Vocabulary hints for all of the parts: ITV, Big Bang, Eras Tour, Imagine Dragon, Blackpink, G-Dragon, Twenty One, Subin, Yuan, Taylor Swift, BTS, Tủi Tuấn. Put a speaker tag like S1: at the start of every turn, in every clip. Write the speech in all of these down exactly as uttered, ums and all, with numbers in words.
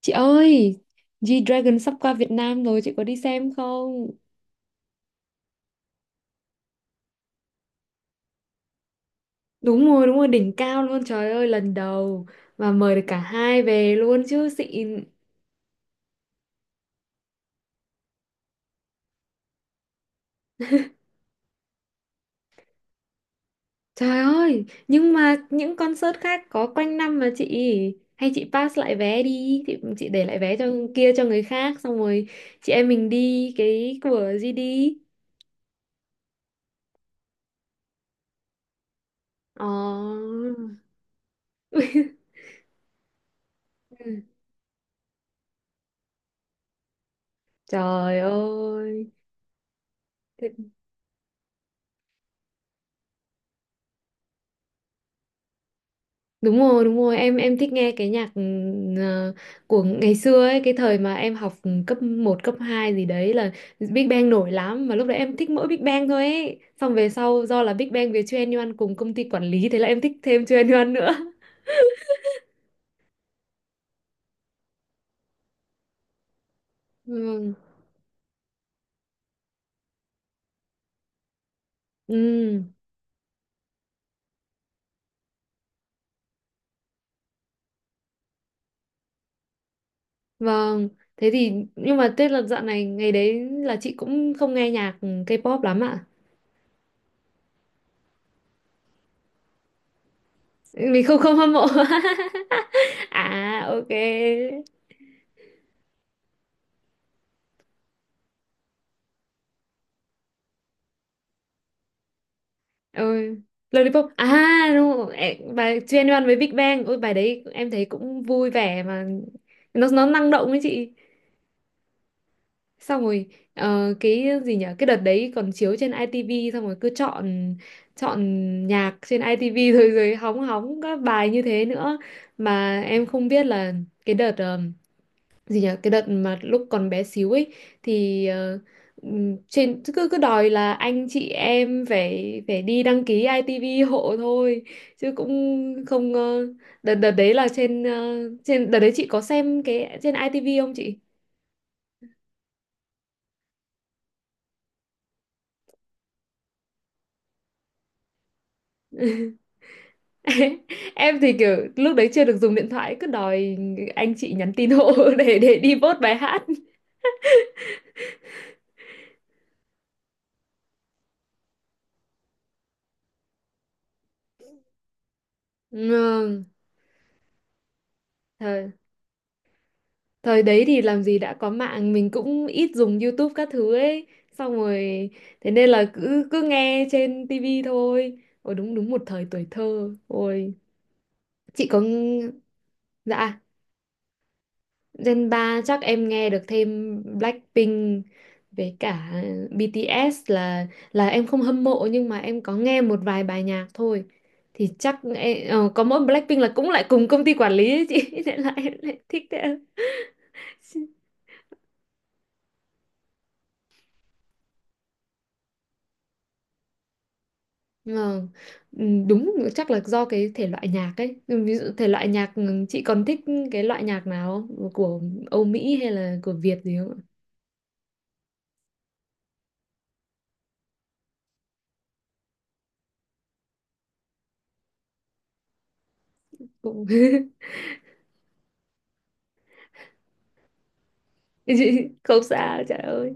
S1: Chị ơi, G-Dragon sắp qua Việt Nam rồi, chị có đi xem không? Đúng rồi, đúng rồi, đỉnh cao luôn, trời ơi, lần đầu mà mời được cả hai về luôn chứ xịn. Trời ơi, nhưng mà những concert khác có quanh năm mà chị hay chị pass lại vé đi, chị, chị để lại vé cho kia cho người khác xong rồi chị em mình đi cái của gi đê. Ờ. Trời ơi. Đúng rồi, đúng rồi, em em thích nghe cái nhạc ừ, ờ, của ngày xưa ấy, cái thời mà em học cấp một cấp hai gì đấy là Big Bang nổi lắm mà lúc đấy em thích mỗi Big Bang thôi ấy. Xong về sau do là Big Bang với chuyên Yuan cùng công ty quản lý thế là em thích thêm chuyên Yuan nữa. Vâng. Ừ, vâng. Thế thì nhưng mà Tết là dạo này ngày đấy là chị cũng không nghe nhạc K-pop lắm ạ. Mình không không hâm mộ. À ok. Ừ. Lollipop à, đúng rồi. Ê, bài Twenty One với Big Bang, ôi bài đấy em thấy cũng vui vẻ mà nó nó năng động ấy chị, xong rồi ờ, cái gì nhở, cái đợt đấy còn chiếu trên i tê vê xong rồi cứ chọn chọn nhạc trên i tê vê rồi rồi hóng hóng các bài như thế nữa. Mà em không biết là cái đợt ờ, gì nhỉ, cái đợt mà lúc còn bé xíu ấy, thì ờ, ừm, trên cứ cứ đòi là anh chị em phải phải đi đăng ký i tê vê hộ thôi chứ cũng không ờ, đợt đợt đấy là trên ờ, trên đợt đấy chị có xem cái trên i tê vê không chị? Em thì kiểu lúc đấy chưa được dùng điện thoại, cứ đòi anh chị nhắn tin hộ để để đi vote bài hát. Ừ, thời đấy thì làm gì đã có mạng, mình cũng ít dùng YouTube các thứ ấy. Xong rồi, thế nên là cứ cứ nghe trên ti vi thôi. Ôi đúng, đúng một thời tuổi thơ. Ôi, chị có ng- dạ, Gen ba chắc em nghe được thêm Blackpink với cả bê tê ét là là em không hâm mộ nhưng mà em có nghe một vài bài nhạc thôi. Thì chắc em, ờ, có mỗi Blackpink là cũng lại cùng công ty quản lý ấy chị, nên là em lại thích thế. Ờ, ừ, đúng, chắc là do cái thể loại nhạc ấy. Ừ, ví dụ thể loại nhạc ừ, chị còn thích cái loại nhạc nào không, của Âu Mỹ hay là của Việt gì không ạ? Cũng chị không xa, trời ơi,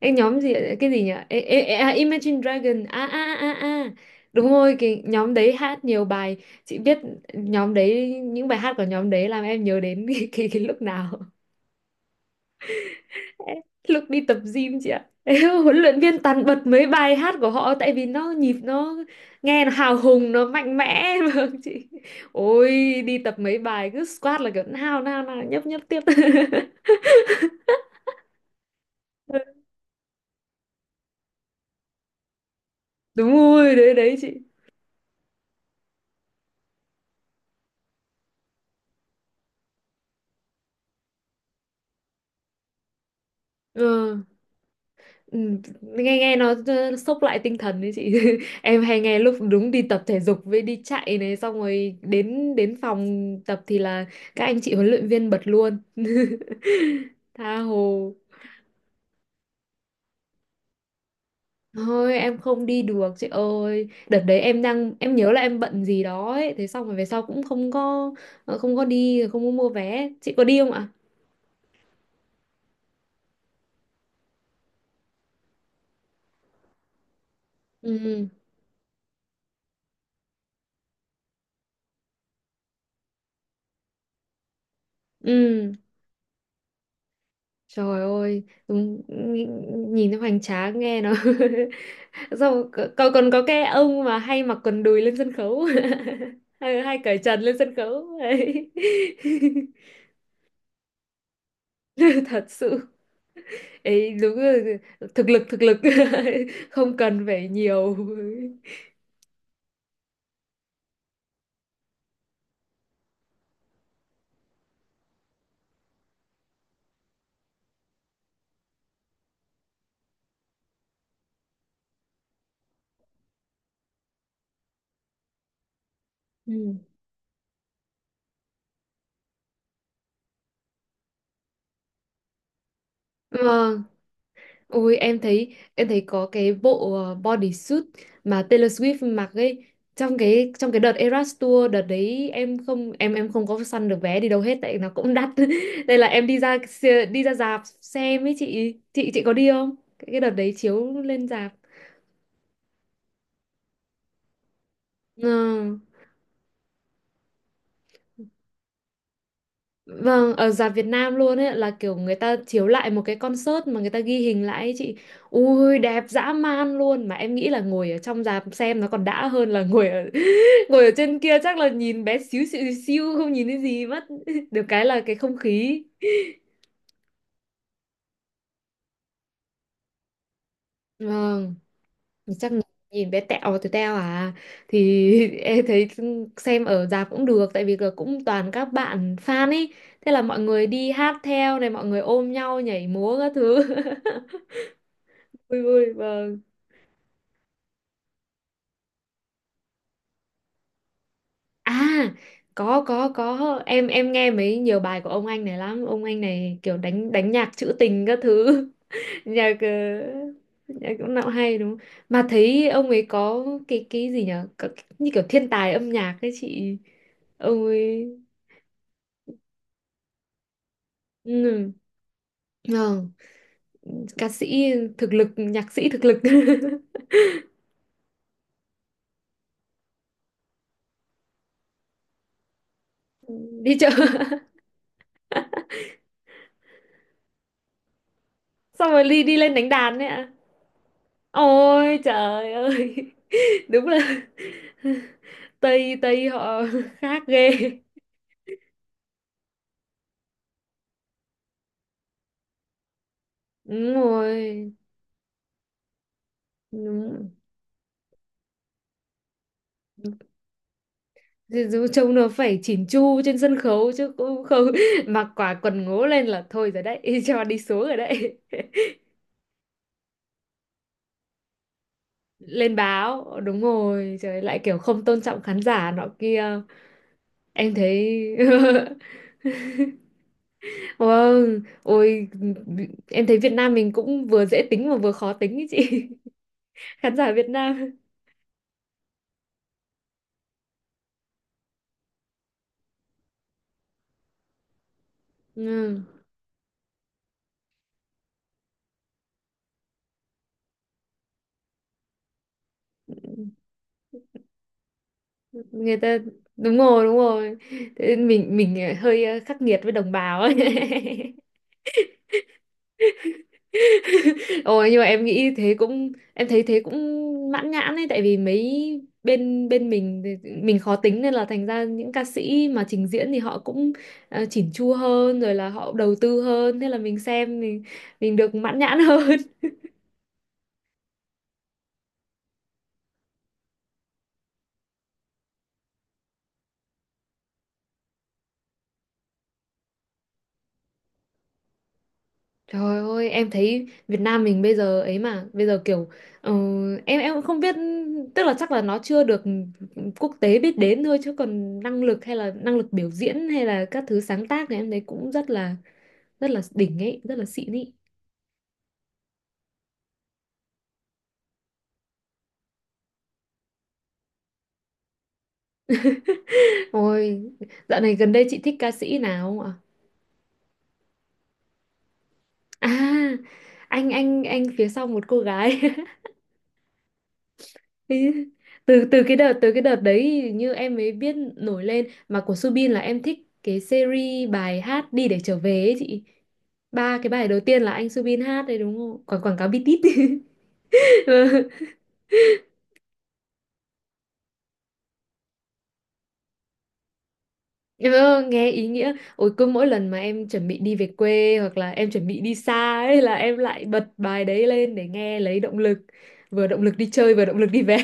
S1: anh nhóm gì ạ? Cái gì nhỉ? Ê, ê, ê, à, Imagine Dragon à à à à à. Đúng rồi, cái nhóm đấy hát nhiều bài, chị biết nhóm đấy. Những bài hát của nhóm đấy làm em nhớ đến cái, cái, cái lúc nào? Lúc đi tập gym chị ạ, huấn luyện viên toàn bật mấy bài hát của họ tại vì nó nhịp nó nghe nó hào hùng, nó mạnh mẽ. Vâng chị, ôi đi tập mấy bài cứ squat là kiểu nào nào nào, nhấp nhấp tiếp. Đúng rồi, đấy đấy chị. Ờ, ừ, nghe nghe nó ờ, sốc lại tinh thần đấy chị, em hay nghe lúc đúng đi tập thể dục với đi chạy này, xong rồi đến đến phòng tập thì là các anh chị huấn luyện viên bật luôn. Tha hồ. Thôi em không đi được chị ơi. Đợt đấy em đang, em nhớ là em bận gì đó ấy. Thế xong rồi về sau cũng không có ờ, không có đi, không có mua vé. Chị có đi không ạ? Ừ, ừ, trời ơi đúng, nhìn nhìn nó hoành tráng, nghe nó xong rồi còn còn có cái ông mà hay mặc quần đùi lên sân khấu, hay, hay cởi trần lên sân khấu ấy. Thật sự ấy, đúng là thực lực, thực lực, không cần phải nhiều. Ừ. Vâng, ui em thấy, em thấy có cái bộ ờ, bodysuit mà Taylor Swift mặc ấy, trong cái trong cái đợt Eras Tour. Đợt đấy em không, em em không có săn được vé đi đâu hết tại nó cũng đắt. Đây là em đi ra xe- đi ra rạp xem ấy chị. Chị chị có đi không? Cái, cái đợt đấy chiếu lên rạp. Ừ. Vâng, ở rạp Việt Nam luôn ấy, là kiểu người ta chiếu lại một cái concert mà người ta ghi hình lại ấy chị. Ui đẹp dã man luôn, mà em nghĩ là ngồi ở trong rạp xem nó còn đã hơn là ngồi ở ngồi ở trên kia chắc là nhìn bé xíu xíu, xíu không nhìn thấy gì mất. Được cái là cái không khí. Vâng, chắc nhìn bé tẹo từ teo à, thì em thấy xem ở rạp cũng được tại vì là cũng toàn các bạn fan ấy. Thế là mọi người đi hát theo này, mọi người ôm nhau nhảy múa các thứ. Vui, vui, vâng. À, có có có em em nghe mấy nhiều bài của ông anh này lắm. Ông anh này kiểu đánh đánh nhạc trữ tình các thứ. Nhạc ờ, nhạc cũng nào hay đúng không? Mà thấy ông ấy có cái cái gì nhở? Có- như kiểu thiên tài âm nhạc ấy chị, ông ấy, ừ, ờ, ca sĩ thực lực, nhạc sĩ thực lực. Đi chợ, xong rồi đi đi lên đánh đàn đấy ạ? Ôi trời ơi. Đúng là Tây, Tây họ khác ghê. Đúng rồi, đúng. Dù- dù Trông nó phải chỉn chu trên sân khấu chứ cũng không mặc quả quần ngố lên là thôi rồi đấy, cho đi xuống rồi đấy. Lên báo đúng rồi, trời ơi, lại kiểu không tôn trọng khán giả nọ kia. Em thấy vâng, ôi em thấy Việt Nam mình cũng vừa dễ tính mà vừa khó tính ý chị, khán giả Việt Nam. Ừ. Người ta, đúng rồi, đúng rồi, thế nên mình mình ờ, hơi ờ, khắc nghiệt với đồng bào ấy. Ôi nhưng mà em nghĩ thế cũng, em thấy thế cũng mãn nhãn ấy, tại vì mấy bên bên mình thì mình khó tính nên là thành ra những ca sĩ mà trình diễn thì họ cũng ờ, chỉn chu hơn rồi là họ đầu tư hơn, thế là mình xem thì mình được mãn nhãn hơn. Trời ơi, em thấy Việt Nam mình bây giờ ấy mà, bây giờ kiểu ờ, em em cũng không biết, tức là chắc là nó chưa được quốc tế biết đến thôi, chứ còn năng lực hay là năng lực biểu diễn hay là các thứ sáng tác thì em thấy cũng rất là rất là đỉnh ấy, rất là xịn ấy. Ôi, dạo này gần đây chị thích ca sĩ nào không ạ? À, anh anh anh phía sau một cô gái. Ý, từ từ cái đợt, từ cái đợt đấy thì như em mới biết nổi lên mà, của Subin là em thích cái series bài hát đi để trở về ấy chị, ba cái bài đầu tiên là anh Subin hát đấy đúng không, quảng quảng cáo bitit. Ừ, nghe ý nghĩa, ôi cứ mỗi lần mà em chuẩn bị đi về quê hoặc là em chuẩn bị đi xa ấy là em lại bật bài đấy lên để nghe lấy động lực, vừa động lực đi chơi vừa động lực đi về.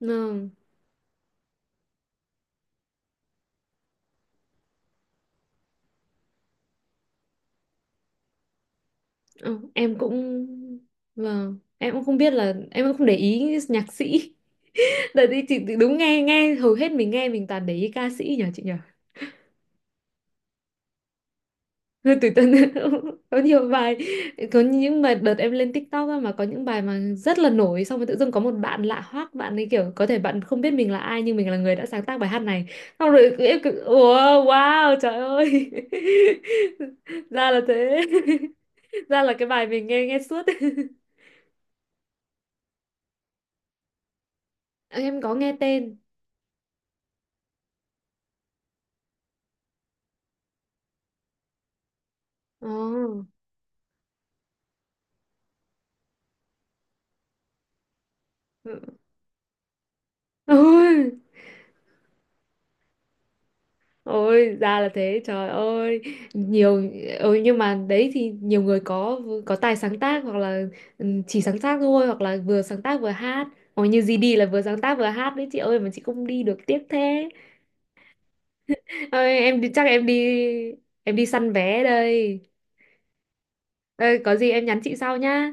S1: Ừ, ừ, em cũng vâng, em cũng không biết là, em cũng không để ý nhạc sĩ. Đợt đi chị thì đúng, nghe nghe hầu hết mình nghe, mình toàn để ý ca sĩ nhờ chị nhờ. Rồi Tủi Tuấn có nhiều bài, có những mà đợt em lên TikTok á, mà có những bài mà rất là nổi, xong rồi tự dưng có một bạn lạ hoắc, bạn ấy kiểu có thể bạn không biết mình là ai nhưng mình là người đã sáng tác bài hát này. Xong rồi em kiểu wow, wow trời ơi. Ra là thế. Ra là cái bài mình nghe nghe suốt. Em có nghe tên. Ồ. Ôi. Ôi ra là thế, trời ơi, nhiều, ừ, nhưng mà đấy thì nhiều người có có tài sáng tác hoặc là, ừ, chỉ sáng tác thôi, hoặc là vừa sáng tác vừa hát, hoặc như gi đê là vừa sáng tác vừa hát đấy chị ơi, mà chị không đi được tiếc thế. Ơi em đi, chắc em đi, em đi săn vé đây. Ê, có gì em nhắn chị sau nhá.